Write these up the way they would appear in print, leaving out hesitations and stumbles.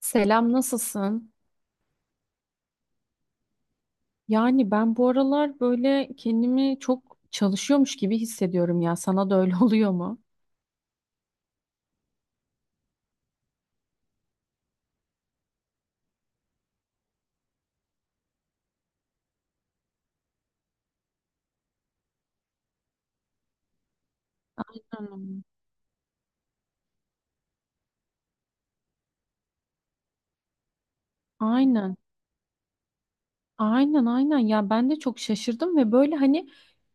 Selam, nasılsın? Yani ben bu aralar böyle kendimi çok çalışıyormuş gibi hissediyorum ya. Sana da öyle oluyor mu? Canım. Aynen. Aynen aynen ya ben de çok şaşırdım ve böyle hani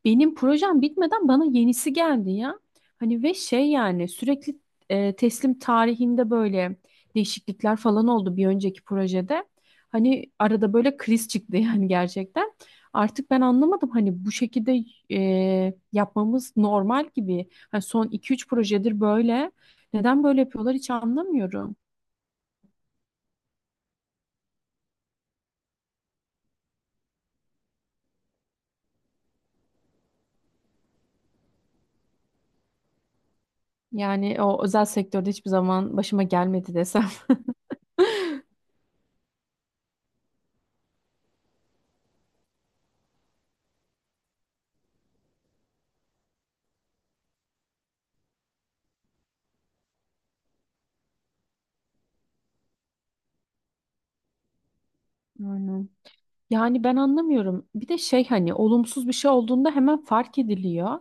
benim projem bitmeden bana yenisi geldi ya. Hani ve şey yani sürekli teslim tarihinde böyle değişiklikler falan oldu bir önceki projede. Hani arada böyle kriz çıktı yani gerçekten. Artık ben anlamadım hani bu şekilde yapmamız normal gibi. Hani son iki üç projedir böyle. Neden böyle yapıyorlar hiç anlamıyorum. Yani o özel sektörde hiçbir zaman başıma gelmedi desem. Aynen. Yani ben anlamıyorum. Bir de şey hani olumsuz bir şey olduğunda hemen fark ediliyor.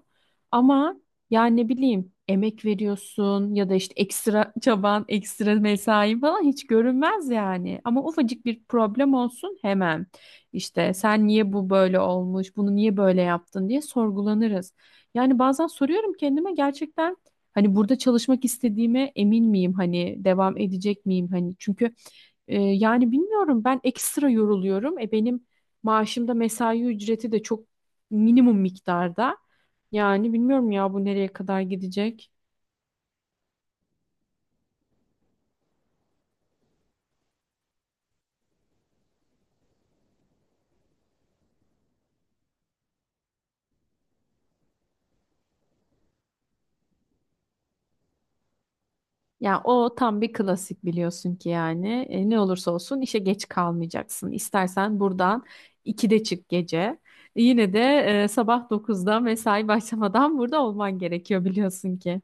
Ama yani ne bileyim emek veriyorsun ya da işte ekstra çaban, ekstra mesain falan hiç görünmez yani. Ama ufacık bir problem olsun hemen işte sen niye bu böyle olmuş, bunu niye böyle yaptın diye sorgulanırız. Yani bazen soruyorum kendime gerçekten hani burada çalışmak istediğime emin miyim? Hani devam edecek miyim? Hani çünkü yani bilmiyorum ben ekstra yoruluyorum. E benim maaşımda mesai ücreti de çok minimum miktarda. Yani bilmiyorum ya bu nereye kadar gidecek. Ya o tam bir klasik biliyorsun ki yani. E, ne olursa olsun işe geç kalmayacaksın. İstersen buradan 2'de çık gece. Yine de sabah dokuzda mesai başlamadan burada olman gerekiyor biliyorsun ki.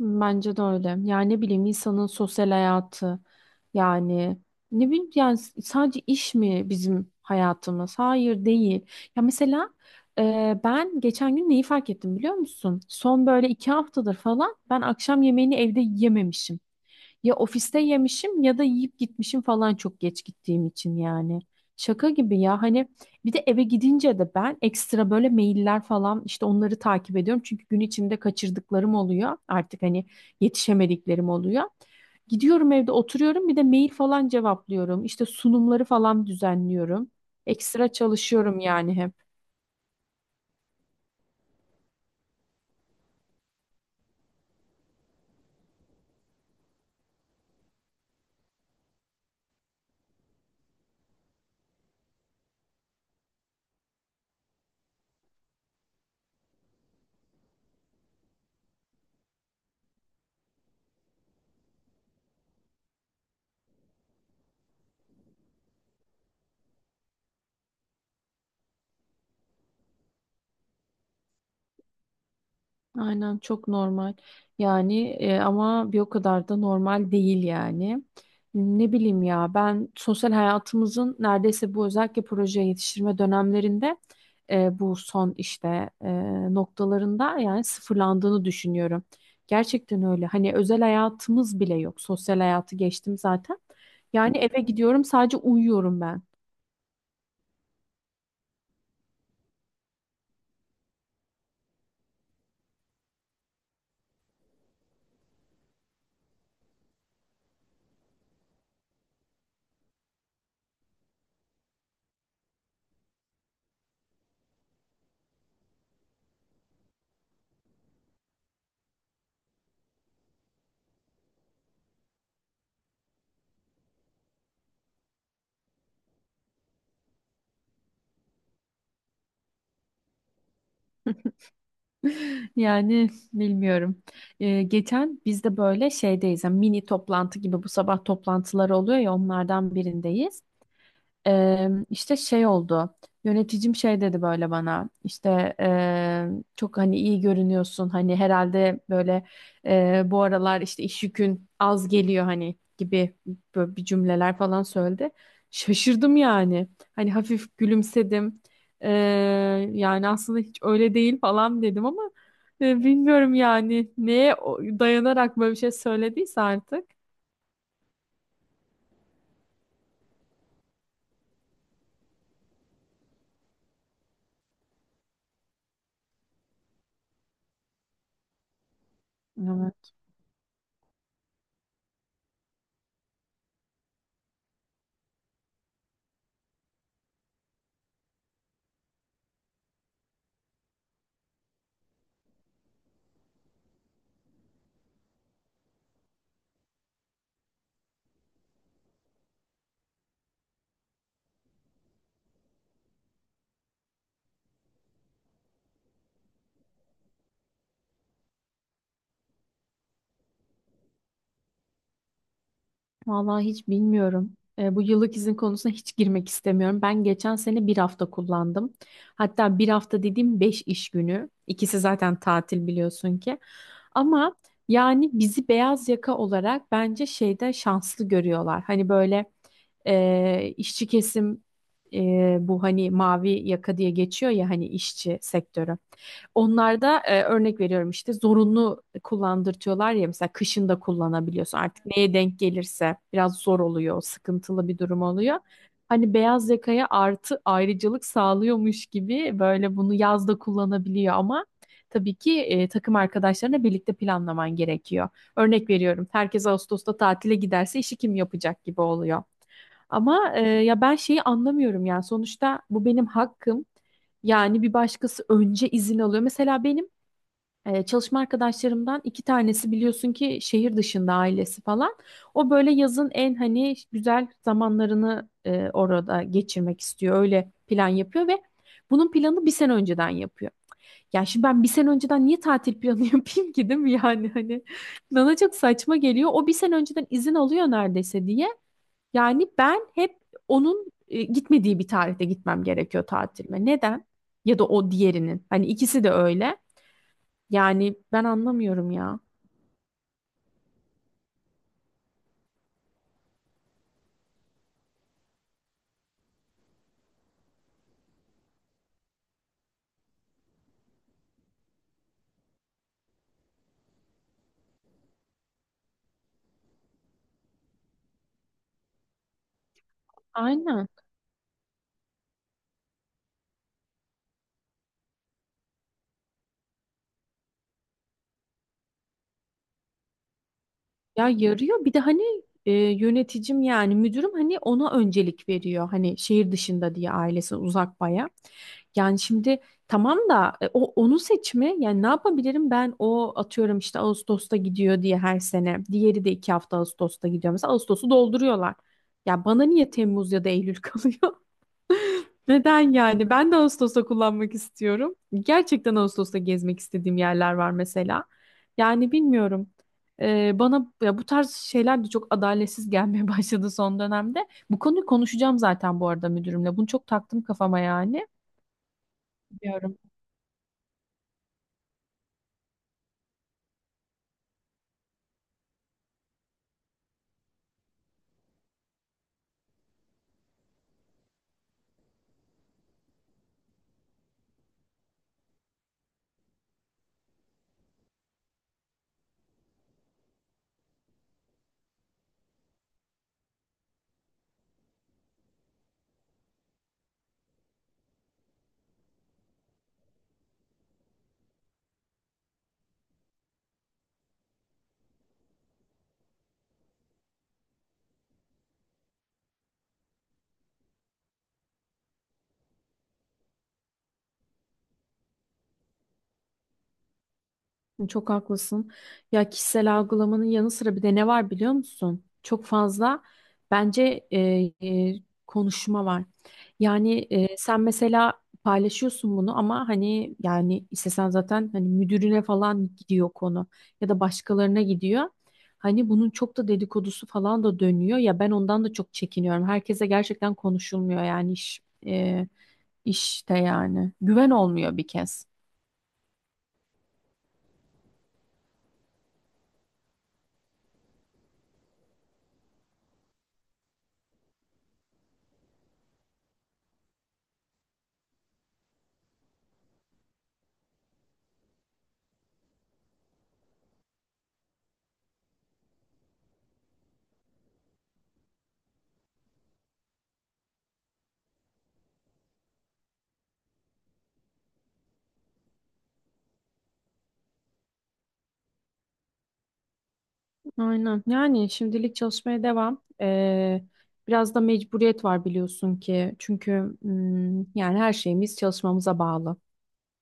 Bence de öyle. Yani ne bileyim insanın sosyal hayatı yani ne bileyim yani sadece iş mi bizim hayatımız? Hayır değil. Ya mesela ben geçen gün neyi fark ettim biliyor musun? Son böyle iki haftadır falan ben akşam yemeğini evde yememişim. Ya ofiste yemişim ya da yiyip gitmişim falan çok geç gittiğim için yani. Şaka gibi ya hani bir de eve gidince de ben ekstra böyle mailler falan işte onları takip ediyorum. Çünkü gün içinde kaçırdıklarım oluyor artık hani yetişemediklerim oluyor. Gidiyorum evde oturuyorum bir de mail falan cevaplıyorum. İşte sunumları falan düzenliyorum. Ekstra çalışıyorum yani hep. Aynen çok normal. Yani ama bir o kadar da normal değil yani. Ne bileyim ya ben sosyal hayatımızın neredeyse bu özellikle proje yetiştirme dönemlerinde bu son işte noktalarında yani sıfırlandığını düşünüyorum. Gerçekten öyle. Hani özel hayatımız bile yok. Sosyal hayatı geçtim zaten. Yani eve gidiyorum sadece uyuyorum ben. Yani bilmiyorum. Geçen biz de böyle şeydeyiz. Yani mini toplantı gibi bu sabah toplantıları oluyor ya onlardan birindeyiz. İşte şey oldu. Yöneticim şey dedi böyle bana. İşte çok hani iyi görünüyorsun. Hani herhalde böyle bu aralar işte iş yükün az geliyor hani gibi böyle bir cümleler falan söyledi. Şaşırdım yani. Hani hafif gülümsedim. Eee, Yani aslında hiç öyle değil falan dedim ama bilmiyorum yani neye dayanarak böyle bir şey söylediyse artık. Evet. Vallahi hiç bilmiyorum. E, bu yıllık izin konusuna hiç girmek istemiyorum. Ben geçen sene bir hafta kullandım. Hatta bir hafta dediğim beş iş günü. İkisi zaten tatil biliyorsun ki. Ama yani bizi beyaz yaka olarak bence şeyde şanslı görüyorlar. Hani böyle işçi kesim bu hani mavi yaka diye geçiyor ya hani işçi sektörü. Onlarda örnek veriyorum işte zorunlu kullandırtıyorlar ya mesela kışın da kullanabiliyorsun. Artık neye denk gelirse biraz zor oluyor, sıkıntılı bir durum oluyor. Hani beyaz yakaya artı ayrıcalık sağlıyormuş gibi böyle bunu yazda kullanabiliyor ama tabii ki takım arkadaşlarına birlikte planlaman gerekiyor. Örnek veriyorum herkes Ağustos'ta tatile giderse işi kim yapacak gibi oluyor. Ama ya ben şeyi anlamıyorum yani sonuçta bu benim hakkım. Yani bir başkası önce izin alıyor. Mesela benim çalışma arkadaşlarımdan iki tanesi biliyorsun ki şehir dışında ailesi falan. O böyle yazın en hani güzel zamanlarını orada geçirmek istiyor. Öyle plan yapıyor ve bunun planı bir sene önceden yapıyor. Ya şimdi ben bir sene önceden niye tatil planı yapayım ki değil mi yani hani bana çok saçma geliyor. O bir sene önceden izin alıyor neredeyse diye. Yani ben hep onun gitmediği bir tarihte gitmem gerekiyor tatilime. Neden? Ya da o diğerinin. Hani ikisi de öyle. Yani ben anlamıyorum ya. Aynen. Ya yarıyor. Bir de hani yöneticim yani müdürüm hani ona öncelik veriyor. Hani şehir dışında diye ailesi uzak baya. Yani şimdi tamam da o onu seçme. Yani ne yapabilirim ben o atıyorum işte Ağustos'ta gidiyor diye her sene. Diğeri de iki hafta Ağustos'ta gidiyor. Mesela Ağustos'u dolduruyorlar. Ya bana niye Temmuz ya da Eylül kalıyor? Neden yani? Ben de Ağustos'ta kullanmak istiyorum. Gerçekten Ağustos'ta gezmek istediğim yerler var mesela. Yani bilmiyorum. Bana ya bu tarz şeyler de çok adaletsiz gelmeye başladı son dönemde. Bu konuyu konuşacağım zaten bu arada müdürümle. Bunu çok taktım kafama yani. Bilmiyorum. Çok haklısın. Ya kişisel algılamanın yanı sıra bir de ne var biliyor musun? Çok fazla bence e, konuşma var. Yani sen mesela paylaşıyorsun bunu ama hani yani istesen zaten hani müdürüne falan gidiyor konu ya da başkalarına gidiyor. Hani bunun çok da dedikodusu falan da dönüyor. Ya ben ondan da çok çekiniyorum. Herkese gerçekten konuşulmuyor yani iş işte yani güven olmuyor bir kez. Aynen. Yani şimdilik çalışmaya devam. Biraz da mecburiyet var biliyorsun ki. Çünkü yani her şeyimiz çalışmamıza bağlı.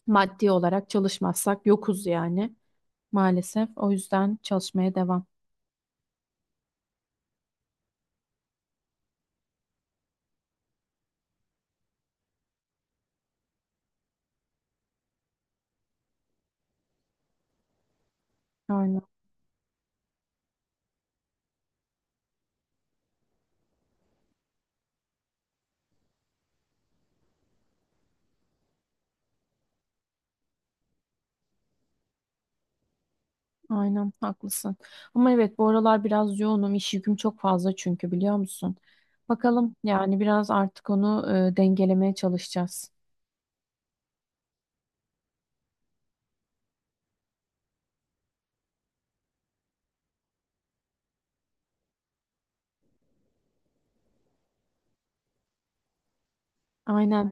Maddi olarak çalışmazsak yokuz yani maalesef. O yüzden çalışmaya devam. Aynen. Aynen haklısın. Ama evet bu aralar biraz yoğunum. İş yüküm çok fazla çünkü biliyor musun? Bakalım yani biraz artık onu dengelemeye çalışacağız. Aynen.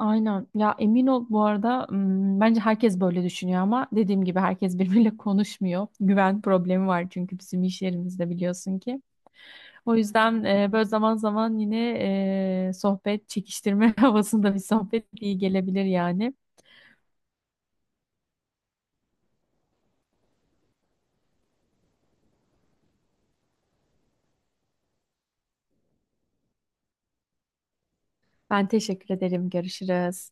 Aynen. Ya emin ol bu arada bence herkes böyle düşünüyor ama dediğim gibi herkes birbiriyle konuşmuyor. Güven problemi var çünkü bizim iş yerimizde biliyorsun ki. O yüzden böyle zaman zaman yine sohbet çekiştirme havasında bir sohbet iyi gelebilir yani. Ben teşekkür ederim. Görüşürüz.